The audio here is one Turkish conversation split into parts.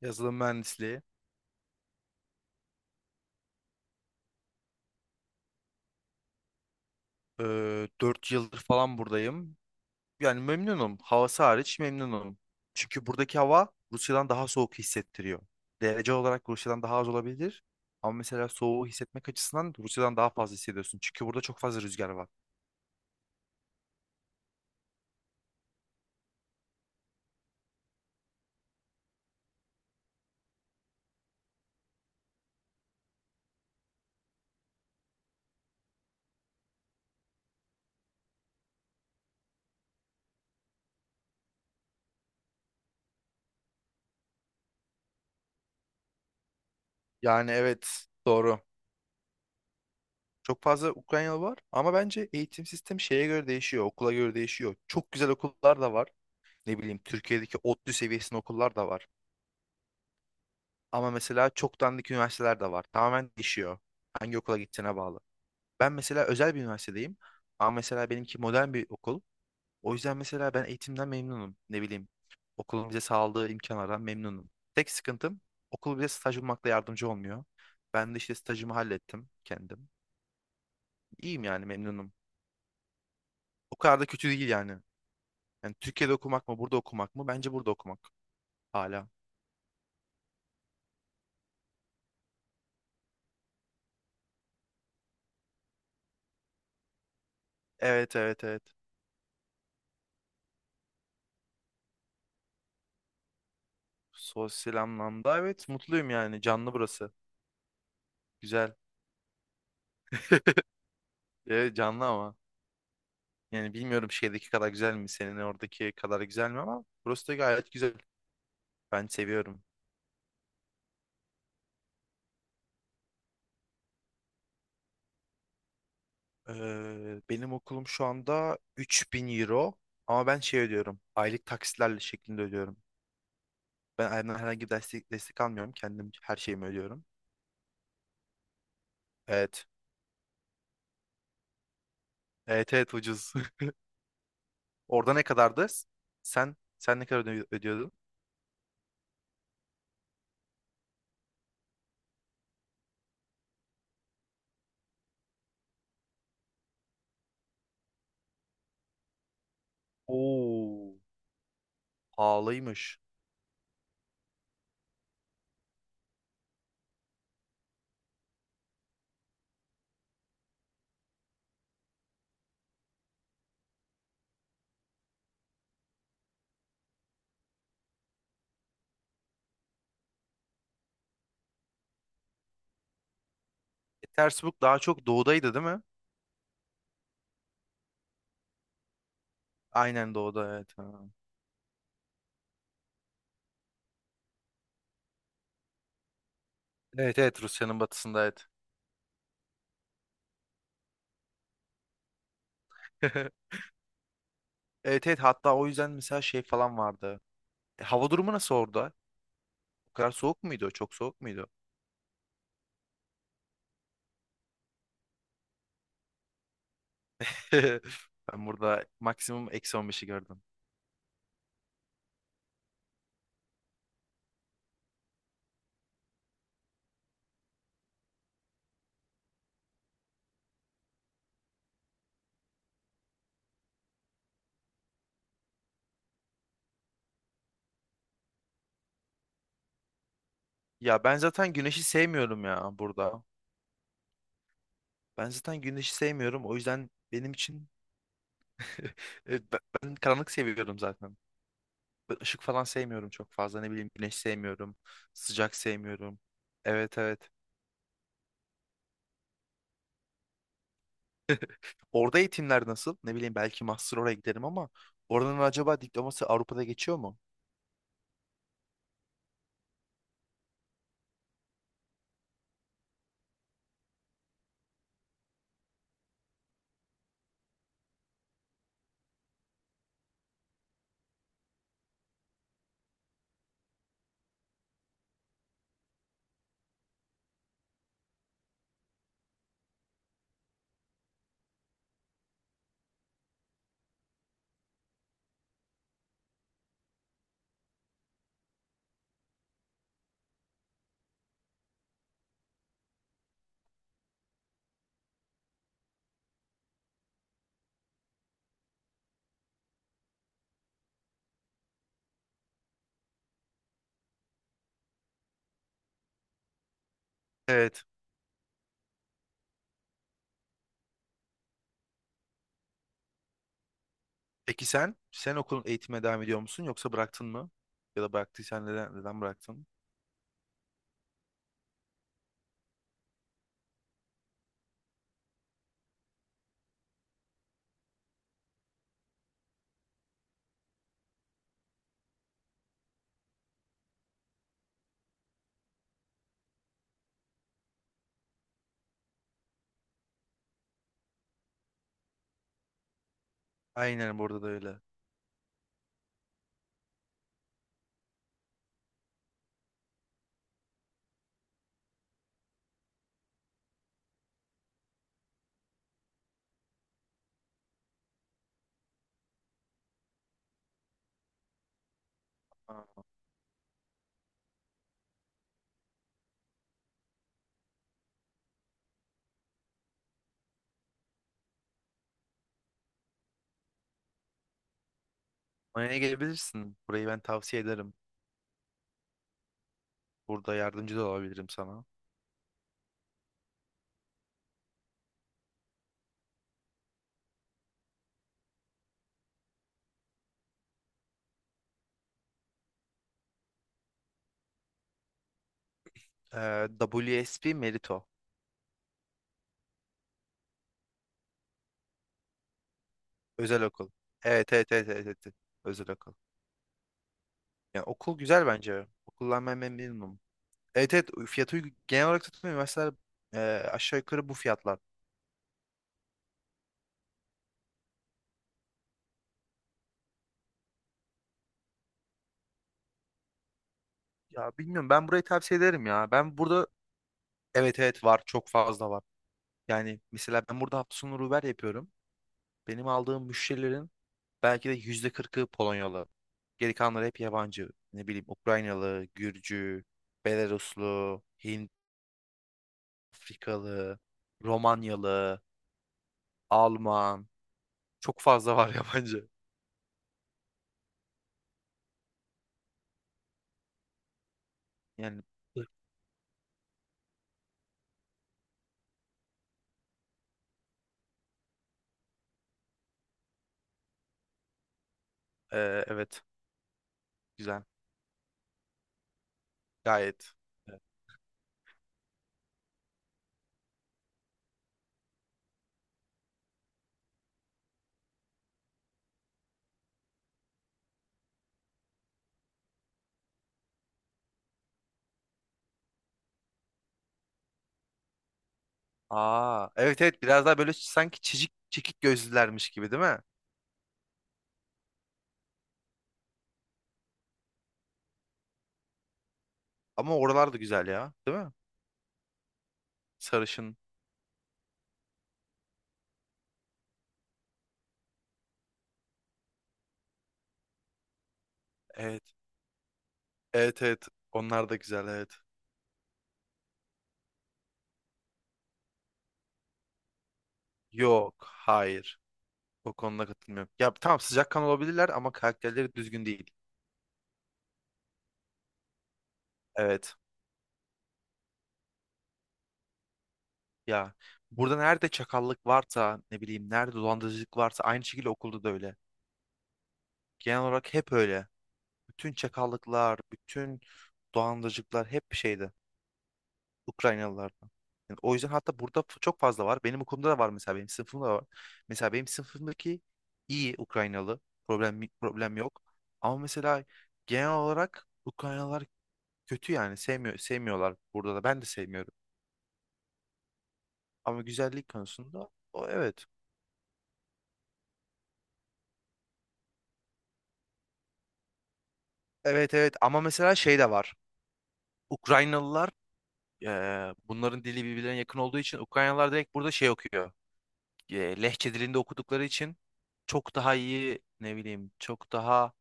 Yazılım mühendisliği. 4 yıldır falan buradayım. Yani memnunum. Havası hariç memnunum. Çünkü buradaki hava Rusya'dan daha soğuk hissettiriyor. Derece olarak Rusya'dan daha az olabilir. Ama mesela soğuğu hissetmek açısından Rusya'dan daha fazla hissediyorsun. Çünkü burada çok fazla rüzgar var. Yani evet, doğru. Çok fazla Ukraynalı var ama bence eğitim sistemi şeye göre değişiyor, okula göre değişiyor. Çok güzel okullar da var. Ne bileyim, Türkiye'deki ODTÜ seviyesinde okullar da var. Ama mesela çok dandik üniversiteler de var. Tamamen değişiyor. Hangi okula gideceğine bağlı. Ben mesela özel bir üniversitedeyim. Ama mesela benimki modern bir okul. O yüzden mesela ben eğitimden memnunum. Ne bileyim. Okulun bize sağladığı imkanlardan memnunum. Tek sıkıntım, okul bize staj bulmakta yardımcı olmuyor. Ben de işte stajımı hallettim kendim. İyiyim yani, memnunum. O kadar da kötü değil yani. Yani Türkiye'de okumak mı, burada okumak mı? Bence burada okumak hala. Evet, evet, evet. Sosyal anlamda evet, mutluyum yani. Canlı burası. Güzel. E, canlı ama. Yani bilmiyorum, şeydeki kadar güzel mi? Senin oradaki kadar güzel mi ama burası da gayet güzel. Ben seviyorum. Benim okulum şu anda 3.000 euro ama ben şey ödüyorum. Aylık taksitlerle şeklinde ödüyorum. Ben aileden herhangi bir destek almıyorum. Kendim her şeyimi ödüyorum. Evet. Evet evet, ucuz. Orada ne kadardı? Sen ne kadar ödüyordun? Oo, pahalıymış. E, Petersburg daha çok doğudaydı değil mi? Aynen, doğuda evet. Ha. Evet evet, Rusya'nın batısında evet. Evet evet, hatta o yüzden mesela şey falan vardı. Hava durumu nasıl orada? O kadar soğuk muydu? Çok soğuk muydu? Ben burada maksimum -15'i gördüm. Ya ben zaten güneşi sevmiyorum ya burada. Ben zaten güneşi sevmiyorum. O yüzden benim için evet, ben karanlık seviyorum zaten. Ben ışık falan sevmiyorum çok fazla. Ne bileyim, güneş sevmiyorum. Sıcak sevmiyorum. Evet, evet. Orada eğitimler nasıl? Ne bileyim, belki master oraya giderim ama oranın acaba diploması Avrupa'da geçiyor mu? Evet. Peki sen, sen okulun eğitime devam ediyor musun yoksa bıraktın mı? Ya da bıraktıysan neden, neden bıraktın? Aynen, burada da öyle. Aa. Manya'ya gelebilirsin. Burayı ben tavsiye ederim. Burada yardımcı da olabilirim sana. WSP Merito. Özel okul. Evet, evet, evet, evet, evet, evet. Özel okul. Yani okul güzel bence. Okuldan ben memnunum. Evet evet, fiyatı uygun. Genel olarak tutmuyor. Üniversiteler e, aşağı yukarı bu fiyatlar. Ya bilmiyorum, ben burayı tavsiye ederim ya. Ben burada evet evet, var, çok fazla var. Yani mesela ben burada hafta sonu Uber yapıyorum. Benim aldığım müşterilerin belki de %40'ı Polonyalı. Geri kalanları hep yabancı. Ne bileyim, Ukraynalı, Gürcü, Belaruslu, Hint, Afrikalı, Romanyalı, Alman. Çok fazla var yabancı. Yani e, evet, güzel. Gayet. Evet. Aa, evet evet, biraz daha böyle sanki çizik çekik gözlülermiş gibi değil mi? Ama oralar da güzel ya, değil mi? Sarışın. Evet. Evet, evet. Onlar da güzel evet. Yok. Hayır. O konuda katılmıyorum. Ya tamam, sıcakkanlı olabilirler ama karakterleri düzgün değil. Evet. Ya, burada nerede çakallık varsa, ne bileyim nerede dolandırıcılık varsa, aynı şekilde okulda da öyle. Genel olarak hep öyle. Bütün çakallıklar, bütün dolandırıcılıklar hep şeyde. Ukraynalılardan. Yani o yüzden, hatta burada çok fazla var. Benim okulumda da var, mesela benim sınıfımda da var. Mesela benim sınıfımdaki iyi Ukraynalı, problem yok. Ama mesela genel olarak Ukraynalılar kötü yani, sevmiyorlar burada da, ben de sevmiyorum. Ama güzellik konusunda, o evet. Evet evet, ama mesela şey de var. Ukraynalılar, bunların dili birbirlerine yakın olduğu için Ukraynalılar direkt burada şey okuyor. Lehçe dilinde okudukları için çok daha iyi, ne bileyim çok daha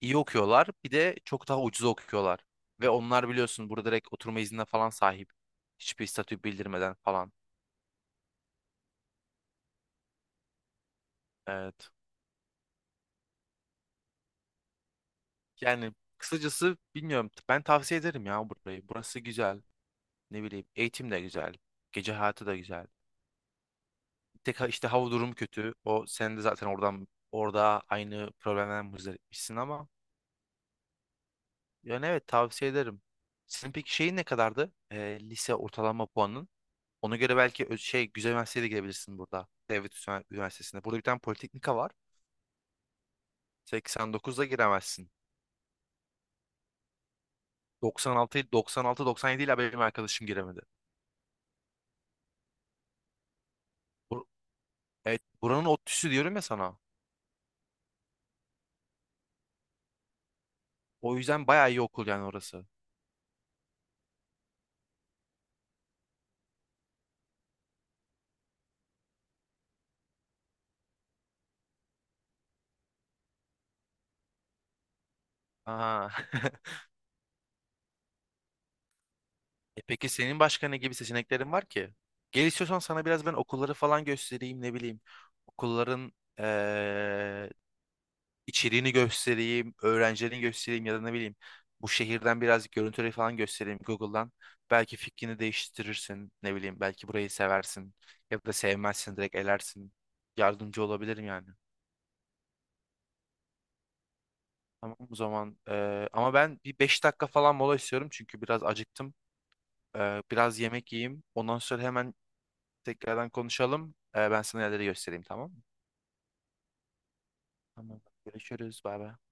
iyi okuyorlar. Bir de çok daha ucuza okuyorlar. Ve onlar biliyorsun, burada direkt oturma iznine falan sahip. Hiçbir statü bildirmeden falan. Evet. Yani kısacası bilmiyorum. Ben tavsiye ederim ya burayı. Burası güzel. Ne bileyim, eğitim de güzel. Gece hayatı da güzel. Tek işte hava durumu kötü. O, sen de zaten orada aynı problemden muzdaripmişsin ama yani evet, tavsiye ederim. Senin peki şeyin ne kadardı? Lise ortalama puanın? Ona göre belki şey, güzel üniversiteye de girebilirsin burada. Devlet Üniversitesi'nde. Burada bir tane politeknika var. 89'da giremezsin. 96, 96, 97 ile benim arkadaşım giremedi. Bur- evet, buranın ODTÜ'sü diyorum ya sana. O yüzden bayağı iyi okul yani orası. Aha. E peki senin başka ne gibi seçeneklerin var ki? Gel, istiyorsan sana biraz ben okulları falan göstereyim, ne bileyim. Okulların eee, içeriğini göstereyim, öğrencilerini göstereyim ya da ne bileyim bu şehirden birazcık görüntüleri falan göstereyim Google'dan. Belki fikrini değiştirirsin, ne bileyim belki burayı seversin ya da sevmezsin, direkt elersin. Yardımcı olabilirim yani. Tamam o zaman, ama ben bir 5 dakika falan mola istiyorum çünkü biraz acıktım. Biraz yemek yiyeyim. Ondan sonra hemen tekrardan konuşalım. Ben sana yerleri göstereyim, tamam mı? Tamam. Görüşürüz. Bay bay.